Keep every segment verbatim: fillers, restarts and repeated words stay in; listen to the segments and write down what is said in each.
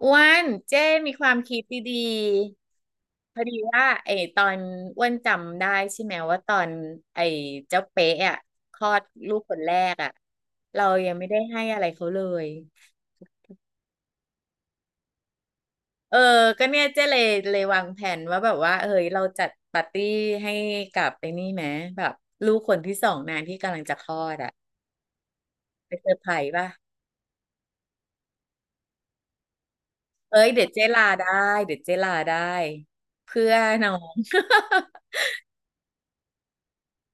อ้วนเจ้มีความคิดดีๆพอดีว่าไอ้ตอนอ้วนจำได้ใช่ไหมว่าตอนไอ้เจ้าเป๊ะอ่ะคลอดลูกคนแรกอ่ะเรายังไม่ได้ให้อะไรเขาเลยเออก็เนี่ยเจ้เลยเลยวางแผนว่าแบบว่าเอ้ยเราจัดปาร์ตี้ให้กับไอ้นี่ไหมแบบลูกคนที่สองนางที่กำลังจะคลอดอ่ะไปเซอร์ไพรส์ป่ะเอ้ยเดี๋ยวเจ้ลาได้เดี๋ยวเจ้ลาได้เพื่อน้อง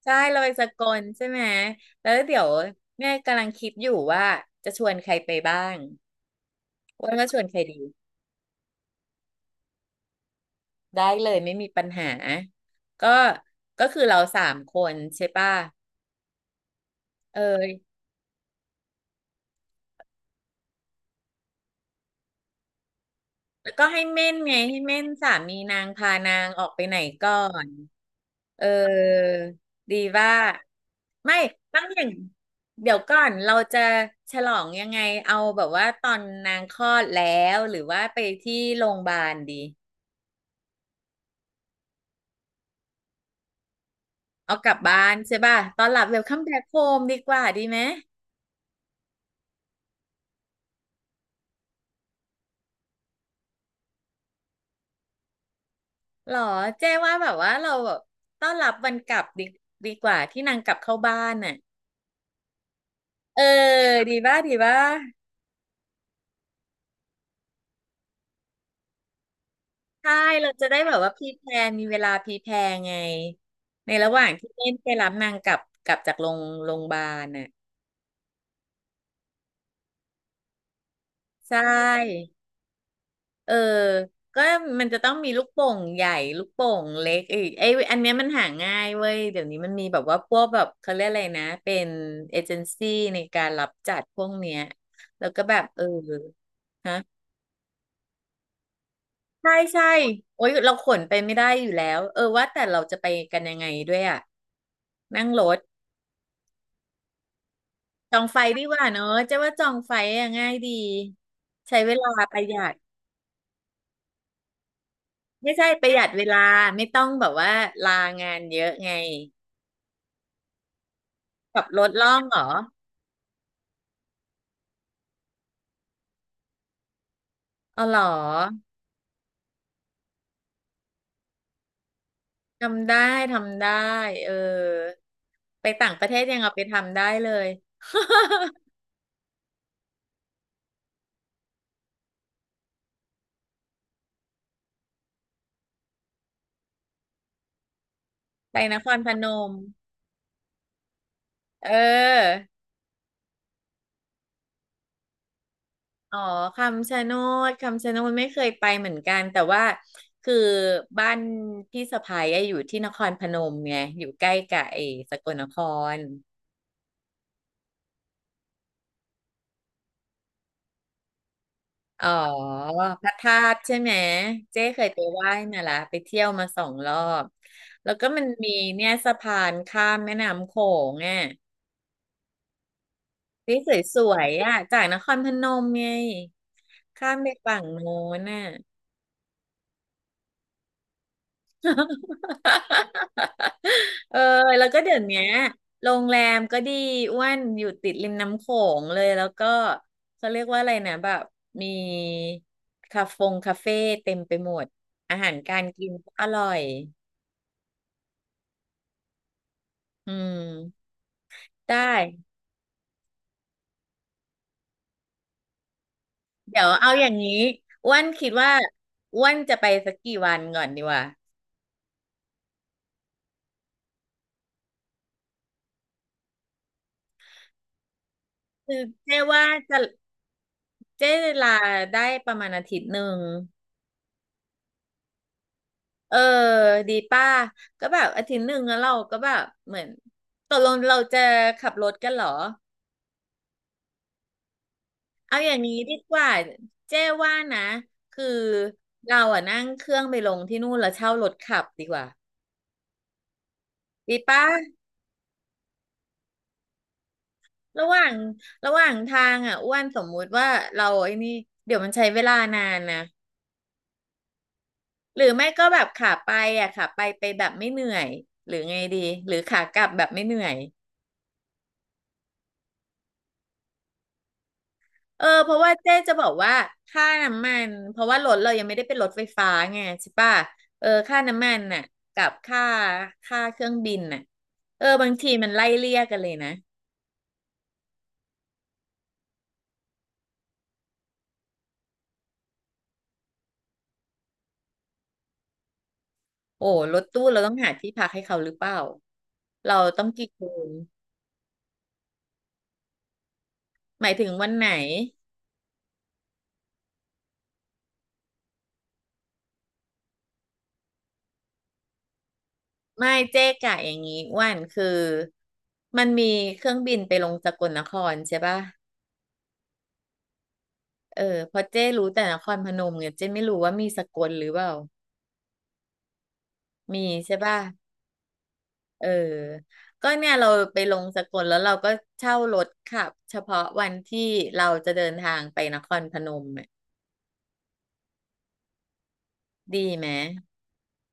ใช่เราไปสกลใช่ไหมแล้วเดี๋ยวแม่กำลังคิดอยู่ว่าจะชวนใครไปบ้างอ้วนว่าชวนใครดีได้เลยไม่มีปัญหาก็ก็คือเราสามคนใช่ป่ะเออแล้วก็ให้เม่นไงให้เม่นสามีนางพานางออกไปไหนก่อนเออดีว่าไม่ต้องอย่างเดี๋ยวก่อนเราจะฉลองยังไงเอาแบบว่าตอนนางคลอดแล้วหรือว่าไปที่โรงพยาบาลดี เอากลับบ้านใช่ป่ะตอนหลับเวลคัมแบ็คโฮมดีกว่าดีไหมหรอเจ๊ว่าแบบว่าเราแบบต้อนรับวันกลับดีดีกว่าที่นางกลับเข้าบ้านน่ะเออดีป่ะดีป่ะใช่เราจะได้แบบว่าพรีแพลนมีเวลาพรีแพลนไงในระหว่างที่เล่นไปรับนางกลับกลับจากโรงโรงพยาบาลน่ะใช่ เออก็มันจะต้องมีลูกโป่งใหญ่ลูกโป่งเล็กอีกไอ้อันเนี้ยมันหาง่ายเว้ยเดี๋ยวนี้มันมีแบบว่าพวกแบบเขาเรียกอะไรนะเป็นเอเจนซี่ในการรับจัดพวกเนี้ยแล้วก็แบบเออฮะใช่ใช่โอ๊ยเราขนไปไม่ได้อยู่แล้วเออว่าแต่เราจะไปกันยังไงด้วยอ่ะนั่งรถจองไฟดีกว่าเนอะเจะว่าจองไฟอะง่ายดีใช้เวลาประหยัดไม่ใช่ประหยัดเวลาไม่ต้องแบบว่าลางานเยอะไง ขับรถล่องเหรอ เอาเหรอทำได้ทำได้ เออ ไปต่างประเทศยังเอาไปทำได้เลยไปนครพนม เออ อ๋อ คำชะโนด คำชะโนดไม่เคยไปเหมือนกัน แต่ว่าคือบ้านพี่สะใภ้อะอยู่ที่นครพนมไงอยู่ใกล้กับไอ้สกลนคร อ๋อพระธาตุใช่ไหมเจ๊เคยไปไหว้มาละไปเที่ยวมาสองรอบแล้วก็มันมีเนี่ยสะพานข้ามแม่น้ำโขงอ่ะที่สวยๆอ่ะจากนครพนมไงข้ามไปฝั่งโน้นน่ะ เออแล้วก็เดี๋ยวเนี้ยโรงแรมก็ดีอ้วนอยู่ติดริมน้ำโขงเลยแล้วก็เขาเรียกว่าอะไรนะแบบมีคาเฟงคาเฟ่เต็มไปหมดอาหารการกินก็อร่อย อืมได้เดี๋ยวเอาอย่างนี้อ้วนคิดว่าอ้วนจะไปสักกี่วันก่อนดีวะคือเจ๊ว่าจะเจ๊ลาได้ประมาณอาทิตย์หนึ่งเออดีป้าก็แบบอาทิตย์หนึ่งแล้วเราก็แบบเหมือนตกลงเราจะขับรถกันเหรอเอาอย่างนี้ดีกว่าเจ๊ว่านะคือเราอะนั่งเครื่องไปลงที่นู่นแล้วเช่ารถขับดีกว่าดีป้า ระหว่างระหว่างทางอ่ะอ้วนสมมุติว่าเราไอ้นี่เดี๋ยวมันใช้เวลานานนะหรือไม่ก็แบบขาไปอ่ะขาไปไปแบบไม่เหนื่อยหรือไงดีหรือขากลับแบบไม่เหนื่อยเออเพราะว่าเจ๊จะบอกว่าค่าน้ำมันเพราะว่ารถเรายังไม่ได้เป็นรถไฟฟ้าไงใช่ป่ะเออค่าน้ำมันน่ะกับค่าค่าเครื่องบินน่ะเออบางทีมันไล่เลี่ยกันเลยนะโอ้รถตู้เราต้องหาที่พักให้เขาหรือเปล่าเราต้องกี่คืนหมายถึงวันไหน ไม่เจ๊กะอย่างงี้อ้วันคือมันมีเครื่องบินไปลงสกลนครใช่ป่ะเออเพอเจ๊รู้แต่นครพนมเนี่ยเจ๊ไม่รู้ว่ามีสกลหรือเปล่ามีใช่ป่ะเออก็เนี่ยเราไปลงสกลแล้วเราก็เช่ารถขับเฉพาะวันที่เราจะเดินทางไปนครพนม ดีไหม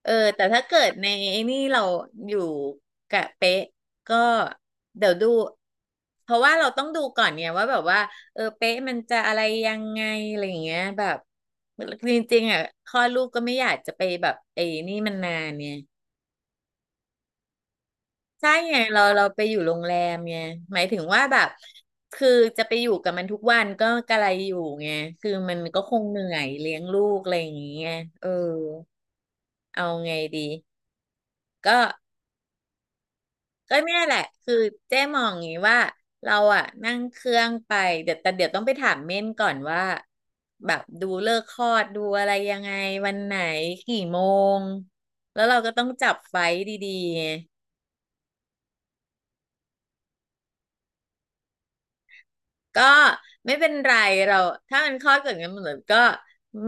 เออแต่ถ้าเกิดในไอ้นี่เราอยู่กะเป๊ะก็เดี๋ยวดูเพราะว่าเราต้องดูก่อนเนี่ยว่าแบบว่าเออเป๊ะมันจะอะไรยังไงอะไรอย่างเงี้ยแบบจริงๆอ่ะคลอดลูกก็ไม่อยากจะไปแบบไอ้นี่มันนานเนี่ยใช่ไงเราเราไปอยู่โรงแรมไงหมายถึงว่าแบบคือจะไปอยู่กับมันทุกวันก็กะไรอยู่ไงคือมันก็คงเหนื่อยเลี้ยงลูกอะไรอย่างเงี้ยเออเอาไงดีก็ ก็เนี่ยแหละคือเจ๊มองอย่างนี้ว่าเราอะนั่งเครื่องไปเดี๋ยวแต่เดี๋ยวต้องไปถามเม่นก่อนว่าแบบดูเลิกษ์คลอดดูอะไรยังไงวันไหนกี่โมงแล้วเราก็ต้องจับไฟท์ดีๆไงก็ไม่เป็นไรเราถ้ามันคลอดเกิดงั้นมันเหมือนก็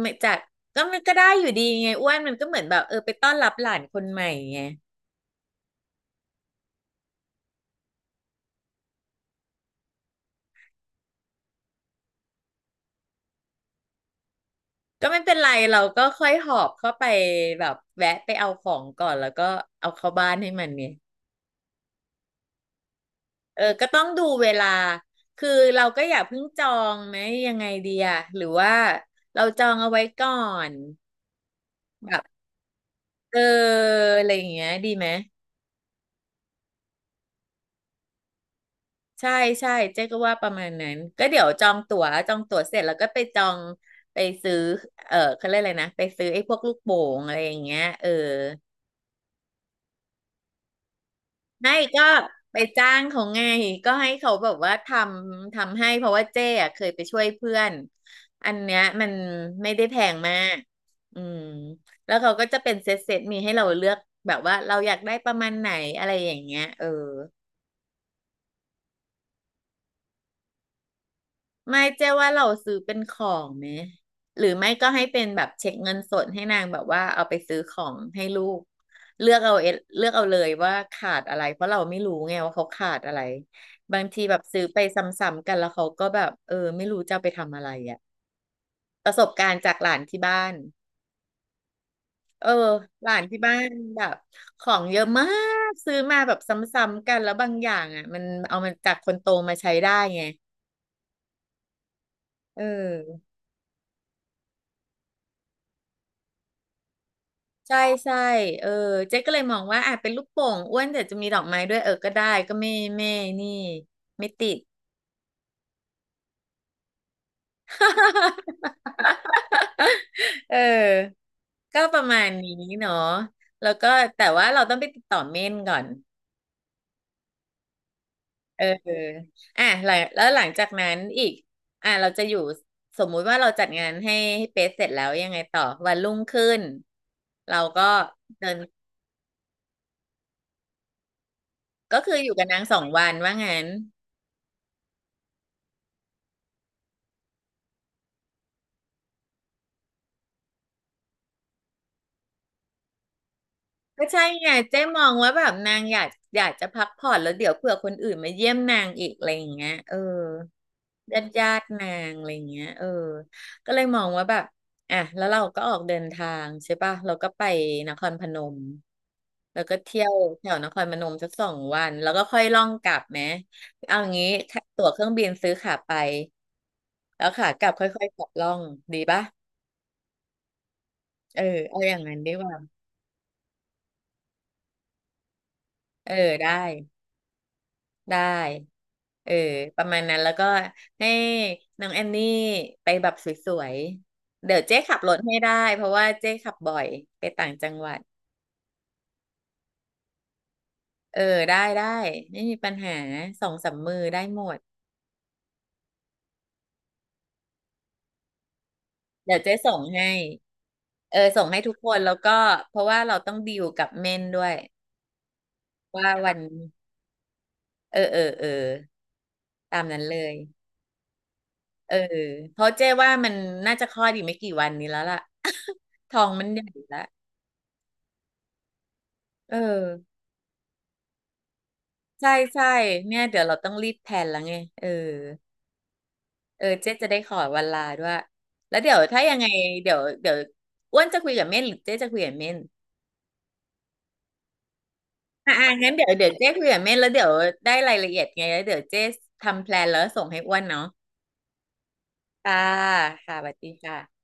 ไม่จากก็มันก็ได้อยู่ดีไงอ้วนมันก็เหมือนแบบเออไปต้อนรับหลานคนใหม่ไงก็ไม่เป็นไรเราก็ค่อยหอบเข้าไปแบบแวะไปเอาของก่อนแล้วก็เอาเข้าบ้านให้มันเนี่ย เออก็ต้องดูเวลาคือเราก็อย่าเพิ่งจองไหมยังไงดีอะหรือว่าเราจองเอาไว้ก่อนแบบเอออะไรอย่างเงี้ยดีไหม ใช่ใช่เจ๊ก็ว่าประมาณนั้น ก็เดี๋ยวจองตั๋วจองตั๋วเสร็จแล้วก็ไปจองไปซื้อเออเขาเรียกอะไรนะไปซื้อไอ้พวกลูกโป่งอะไรอย่างเงี้ยเออ ไม่ก็ไปจ้างเขาไงก็ให้เขาแบบว่าทำทำให้เพราะว่าเจ้อะเคยไปช่วยเพื่อนอันเนี้ยมันไม่ได้แพงมากอืมแล้วเขาก็จะเป็นเซตเซตมีให้เราเลือกแบบว่าเราอยากได้ประมาณไหนอะไรอย่างเงี้ยเออ ไม่เจ๊ว่าเราซื้อเป็นของไหมหรือไม่ก็ให้เป็นแบบเช็คเงินสดให้นางแบบว่าเอาไปซื้อของให้ลูกเลือกเอาเอเลือกเอาเลยว่าขาดอะไรเพราะเราไม่รู้ไงว่าเขาขาดอะไรบางทีแบบซื้อไปซ้ำๆกันแล้วเขาก็แบบเออไม่รู้จะเอาไปทำอะไรอ่ะประสบการณ์จากหลานที่บ้านเออหลานที่บ้านแบบของเยอะมากซื้อมาแบบซ้ำๆกันแล้วบางอย่างอ่ะมันเอามาจากคนโตมาใช้ได้ไงเออ ใช่ใช่เออเจ๊ก็เลยมองว่าอ่ะเป็นลูกโป่งอ้วนแต่จะมีดอกไม้ด้วยเออก็ได้ก็ไม่ไม่นี่ไม่ติด เออก็ประมาณนี้เนาะแล้วก็แต่ว่าเราต้องไปติดต่อเม่นก่อนเอออ่ะหลังแล้วหลังจากนั้นอีกอ่ะเราจะอยู่สมมุติว่าเราจัดงานให้ให้เป๊ะเสร็จแล้วยังไงต่อวันรุ่งขึ้น เราก็เดินก็คืออยู่กับนางสองวันว่างั้น ก็ใช่ไงเจ๊มองว่าแบบนางอยากอยากจะพักผ่อนแล้วเดี๋ยวเผื่อคนอื่นมาเยี่ยมนางอีกอะไรอย่างเงี้ยเออญาติญาตินางอะไรอย่างเงี้ยเออก็เลยมองว่าแบบอ่ะแล้วเราก็ออกเดินทางใช่ป่ะเราก็ไปนครพนมแล้วก็เที่ยวแถวนครพนมสักสองวันแล้วก็ค่อยล่องกลับไหมเอาอย่างงี้ค่าตั๋วเครื่องบินซื้อขาไปแล้วขากลับค่อยๆขับล่องดีป่ะเออเอาอย่างนั้นดีกว่าเออได้ได้ เออประมาณนั้นแล้วก็ให้น้องแอนนี่ไปแบบสวยๆเดี๋ยวเจ๊ขับรถให้ได้เพราะว่าเจ๊ขับบ่อยไปต่างจังหวัดเออได้ได้ไม่มีปัญหาสองสามมือได้หมดเดี๋ยวเจ๊ส่งให้เออส่งให้ทุกคนแล้วก็เพราะว่าเราต้องดีลกับเม่นด้วยว่าวันเออเออเออตามนั้นเลยเออเพราะเจ๊ว่ามันน่าจะคลอดอีกไม่กี่วันนี้แล้วล่ะ ทองมันใหญ่ละเออ ใช่ใช่เนี่ยเดี๋ยวเราต้องรีบแพลนแล้วไงเออเออเจ๊จะได้ขอวันลาด้วยแล้วเดี๋ยวถ้ายังไงเดี๋ยวเดี๋ยวอ้วนจะคุยกับเม่นหรือเจ๊จะคุยกับเม่นอ่าองั้นเดี๋ยวเดี๋ยวเจ๊คุยกับเม่นแล้วเดี๋ยวได้รายละเอียดไงแล้วเดี๋ยวเจ๊ทำแพลนแล้วส่งให้อ้วนเนาะค่ะค่ะสวัสดีค่ะ